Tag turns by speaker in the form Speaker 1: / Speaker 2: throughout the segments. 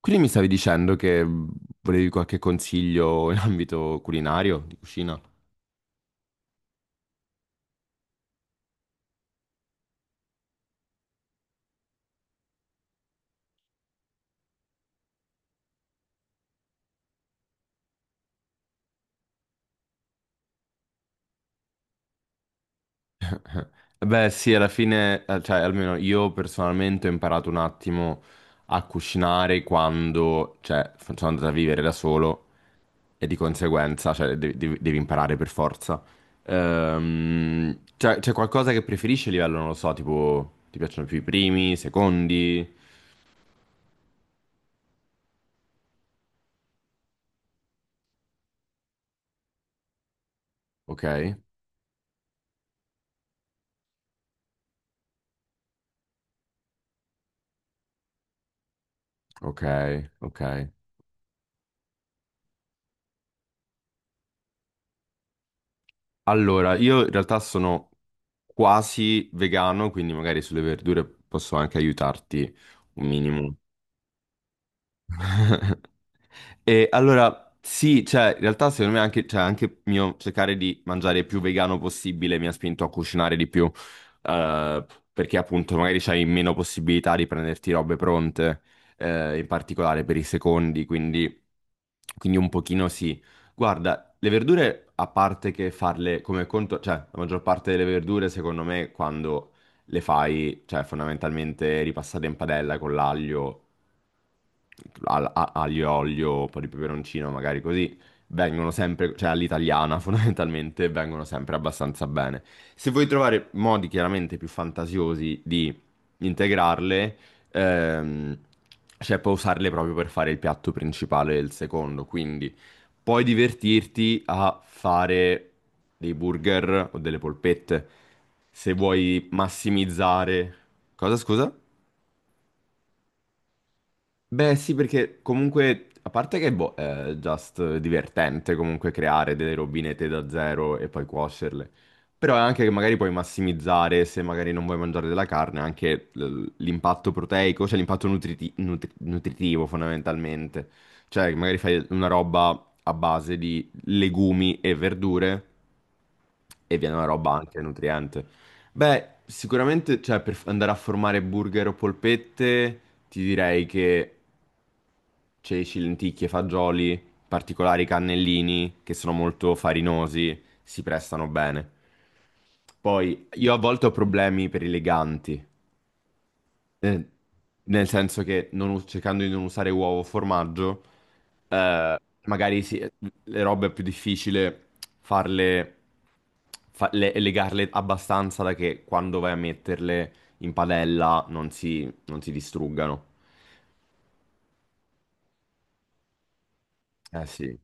Speaker 1: Quindi mi stavi dicendo che volevi qualche consiglio in ambito culinario, di cucina? Beh, sì, alla fine, cioè almeno io personalmente ho imparato un attimo a cucinare quando, cioè, sono andato a vivere da solo e di conseguenza, cioè, devi imparare per forza. C'è qualcosa che preferisci a livello, non lo so, tipo, ti piacciono più i primi, i secondi? Ok, ok, ok. Allora, io in realtà sono quasi vegano, quindi magari sulle verdure posso anche aiutarti un minimo. E allora, sì, cioè, in realtà secondo me anche, cioè, anche mio cercare di mangiare il più vegano possibile mi ha spinto a cucinare di più, eh, perché appunto magari c'hai meno possibilità di prenderti robe pronte, in particolare per i secondi, quindi un pochino sì. Guarda, le verdure, a parte che farle come conto, cioè, la maggior parte delle verdure, secondo me, quando le fai, cioè fondamentalmente ripassate in padella con l'aglio, aglio, olio, un po' di peperoncino, magari così, vengono sempre, cioè all'italiana fondamentalmente, vengono sempre abbastanza bene. Se vuoi trovare modi chiaramente più fantasiosi di integrarle, ehm, cioè puoi usarle proprio per fare il piatto principale e il secondo, quindi puoi divertirti a fare dei burger o delle polpette. Se vuoi massimizzare... Cosa, scusa? Beh, sì, perché comunque, a parte che boh, è just divertente comunque creare delle robinette da zero e poi cuocerle. Però è anche che magari puoi massimizzare, se magari non vuoi mangiare della carne, anche l'impatto proteico, cioè l'impatto nutritivo fondamentalmente. Cioè, magari fai una roba a base di legumi e verdure e viene una roba anche nutriente. Beh, sicuramente, cioè, per andare a formare burger o polpette, ti direi che ceci, lenticchie, fagioli, particolari cannellini che sono molto farinosi, si prestano bene. Poi io a volte ho problemi per i leganti, eh, nel senso che non us- cercando di non usare uovo o formaggio, eh, magari sì, le robe è più difficile farle, legarle abbastanza da che quando vai a metterle in padella non si distruggano. Eh sì.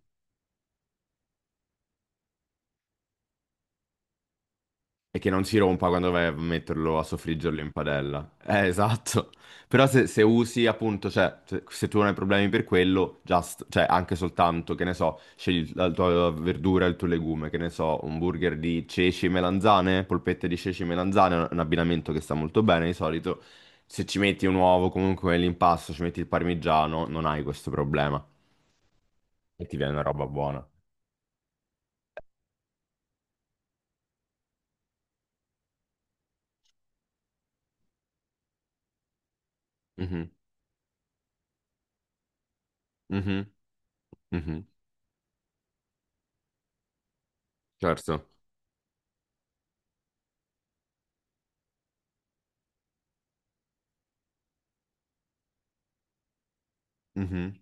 Speaker 1: E che non si rompa quando vai a metterlo, a soffriggerlo in padella. Esatto. Però se usi appunto, cioè, se tu non hai problemi per quello, just, cioè, anche soltanto, che ne so, scegli la tua verdura, il tuo legume, che ne so, un burger di ceci e melanzane, polpette di ceci e melanzane, un abbinamento che sta molto bene di solito. Se ci metti un uovo, comunque l'impasto, ci metti il parmigiano, non hai questo problema. E ti viene una roba buona. Mhm, mhm, mhm. Certo. Mhm,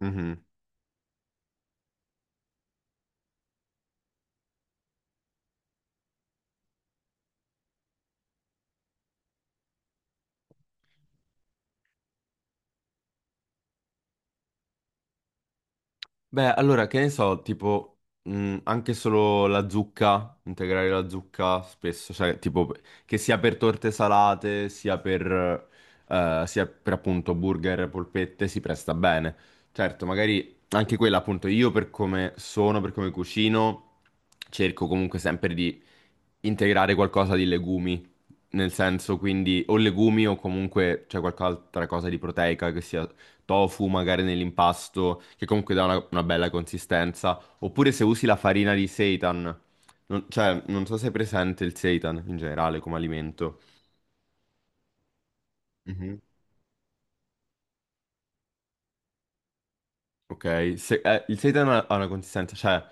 Speaker 1: mhm. Beh, allora, che ne so, tipo, anche solo la zucca, integrare la zucca spesso, cioè, tipo, che sia per torte salate, sia per appunto burger, polpette, si presta bene. Certo, magari anche quella, appunto, io per come sono, per come cucino, cerco comunque sempre di integrare qualcosa di legumi, nel senso, quindi, o legumi o comunque c'è qualche altra cosa di proteica che sia tofu magari nell'impasto, che comunque dà una bella consistenza. Oppure se usi la farina di seitan. Cioè, non so se è presente il seitan in generale come alimento. Mhm. Ok, il seitan ha una consistenza, cioè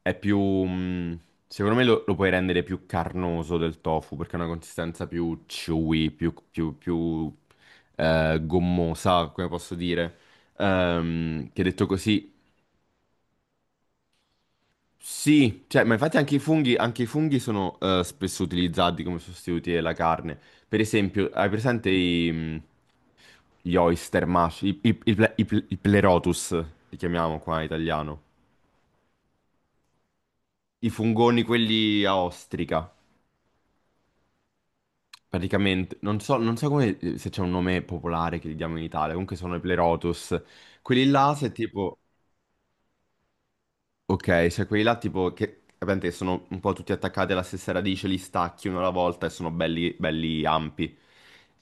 Speaker 1: è più... secondo me lo puoi rendere più carnoso del tofu perché ha una consistenza più chewy, più, gommosa, come posso dire. Che detto così sì, cioè, ma infatti anche i funghi sono spesso utilizzati come sostituti della carne. Per esempio, hai presente gli oyster mush, i pleurotus, li chiamiamo qua in italiano. I fungoni, quelli a ostrica, praticamente. Non so come, se c'è un nome popolare che li diamo in Italia, comunque sono i pleurotus. Quelli là, se tipo... Ok, cioè quelli là tipo che ovviamente sono un po' tutti attaccati alla stessa radice, li stacchi uno alla volta e sono belli, belli ampi.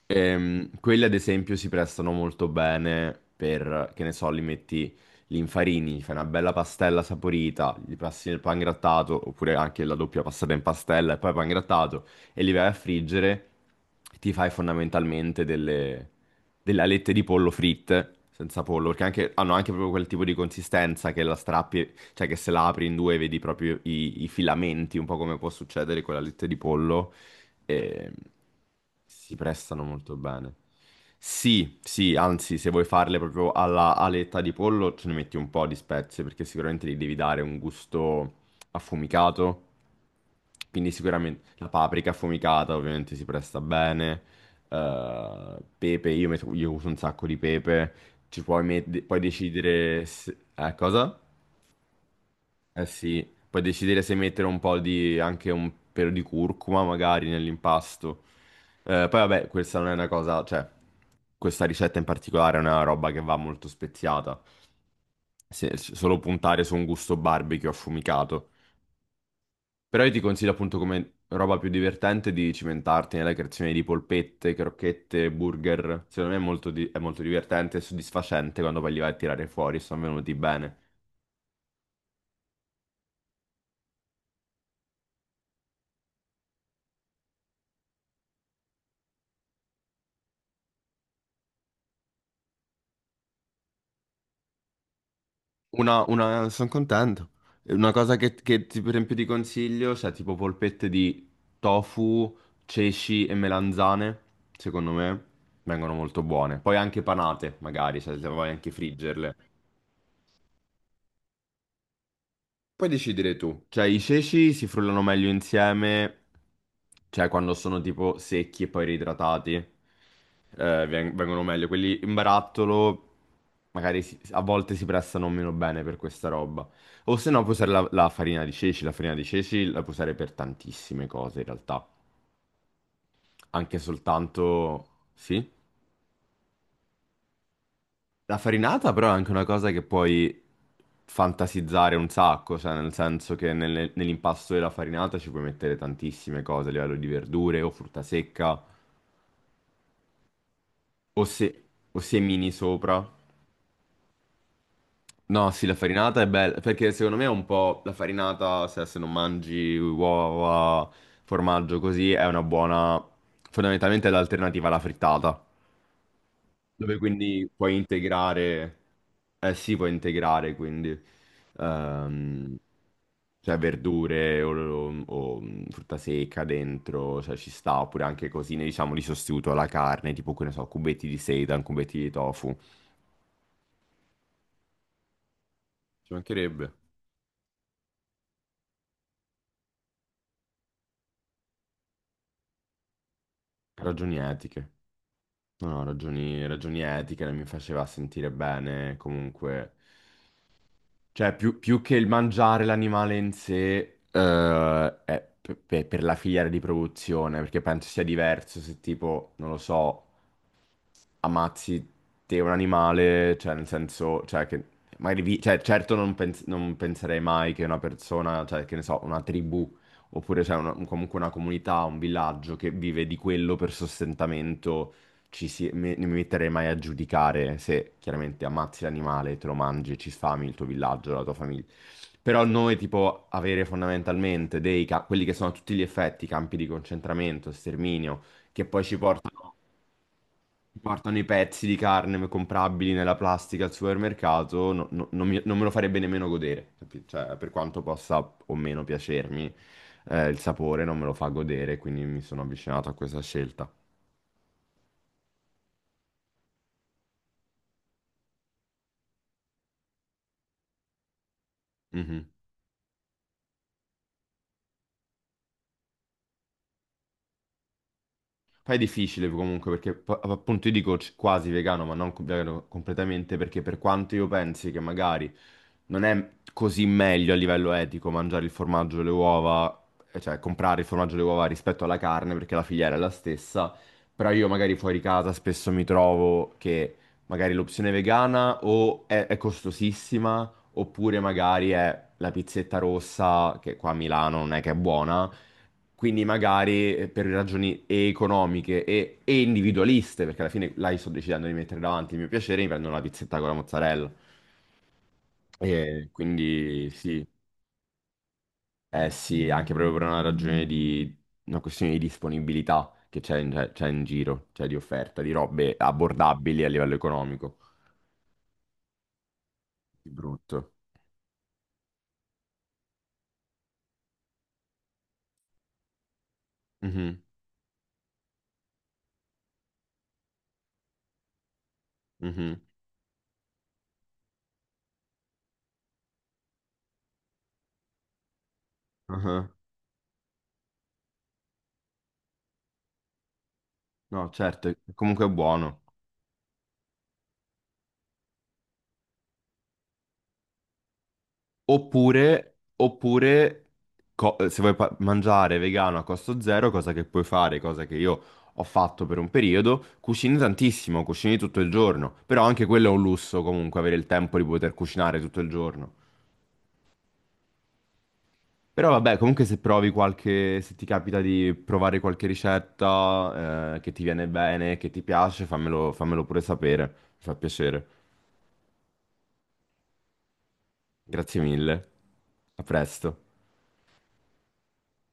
Speaker 1: Quelli ad esempio si prestano molto bene per, che ne so, li infarini, gli fai una bella pastella saporita, gli passi nel pangrattato, oppure anche la doppia passata in pastella e poi pangrattato, e li vai a friggere, ti fai fondamentalmente delle alette di pollo fritte, senza pollo, perché anche, hanno anche proprio quel tipo di consistenza che la strappi, cioè che se la apri in due vedi proprio i filamenti, un po' come può succedere con la lette di pollo, e si prestano molto bene. Sì, sì, anzi, se vuoi farle proprio alla aletta di pollo, ce ne metti un po' di spezie, perché sicuramente gli devi dare un gusto affumicato, quindi sicuramente la paprika affumicata ovviamente si presta bene, pepe, io uso un sacco di pepe, puoi decidere... cosa? Eh sì, puoi decidere se mettere un po' di, anche un pelo di curcuma magari nell'impasto. Poi vabbè, questa non è una cosa, cioè, questa ricetta in particolare è una roba che va molto speziata. Solo puntare su un gusto barbecue affumicato. Però io ti consiglio appunto come roba più divertente di cimentarti nella creazione di polpette, crocchette, burger. Secondo me è molto, è molto divertente e soddisfacente quando poi li vai a tirare fuori, sono venuti bene. Sono contento. Una cosa che ti, per esempio ti consiglio, cioè tipo polpette di tofu, ceci e melanzane, secondo me vengono molto buone. Poi anche panate, magari, cioè se vuoi anche friggerle. Puoi decidere tu. Cioè, i ceci si frullano meglio insieme, cioè quando sono tipo secchi e poi reidratati, vengono meglio. Quelli in barattolo magari a volte si prestano meno bene per questa roba. O se no puoi usare la farina di ceci. La farina di ceci la puoi usare per tantissime cose in realtà. Anche soltanto... Sì? La farinata però è anche una cosa che puoi fantasizzare un sacco, cioè nel senso che nell'impasto della farinata ci puoi mettere tantissime cose a livello di verdure o frutta secca o, se- o semini sopra. No, sì, la farinata è bella, perché secondo me è un po' la farinata, se non mangi uova, formaggio così, è una buona, fondamentalmente è l'alternativa alla frittata. Dove quindi puoi integrare, eh sì, puoi integrare quindi, ehm, cioè verdure frutta secca dentro, cioè ci sta, oppure anche cosine, diciamo, di sostituto alla carne, tipo, che ne so, cubetti di seitan, cubetti di tofu. Ci mancherebbe. Ragioni etiche. No, no, ragioni etiche, non mi faceva sentire bene comunque. Cioè, più che il mangiare l'animale in sé, è per la filiera di produzione, perché penso sia diverso se tipo, non lo so, ammazzi te un animale, cioè nel senso, cioè che magari cioè, certo non, non penserei mai che una persona, cioè che ne so, una tribù oppure cioè, comunque una comunità, un villaggio che vive di quello per sostentamento, non mi metterei mai a giudicare se chiaramente ammazzi l'animale, te lo mangi, ci sfami il tuo villaggio, la tua famiglia. Però noi, tipo, avere fondamentalmente quelli che sono a tutti gli effetti campi di concentramento, sterminio, che poi ci portano portano i pezzi di carne comprabili nella plastica al supermercato, non me lo farebbe nemmeno godere, cioè, per quanto possa o meno piacermi, il sapore non me lo fa godere, quindi mi sono avvicinato a questa scelta. Mhm. Poi è difficile comunque perché appunto io dico quasi vegano, ma non co- vegano completamente, perché per quanto io pensi che magari non è così meglio a livello etico mangiare il formaggio e le uova, cioè comprare il formaggio e le uova rispetto alla carne perché la filiera è la stessa, però io magari fuori casa spesso mi trovo che magari l'opzione vegana è costosissima oppure magari è la pizzetta rossa che qua a Milano non è che è buona. Quindi magari per ragioni e economiche e individualiste, perché alla fine là io sto decidendo di mettere davanti il mio piacere, mi prendo una pizzetta con la mozzarella. E quindi sì, eh sì, anche proprio per una ragione di una questione di disponibilità che c'è in giro, cioè di offerta, di robe abbordabili a livello economico. Di brutto. Mhm, mhm, aha. No, certo, comunque è buono. Oppure se vuoi mangiare vegano a costo zero, cosa che puoi fare, cosa che io ho fatto per un periodo, cucini tantissimo, cucini tutto il giorno. Però anche quello è un lusso comunque, avere il tempo di poter cucinare tutto il giorno. Però vabbè, comunque se provi qualche, se ti capita di provare qualche ricetta, che ti viene bene, che ti piace, fammelo pure sapere. Mi fa piacere. Grazie mille. A presto.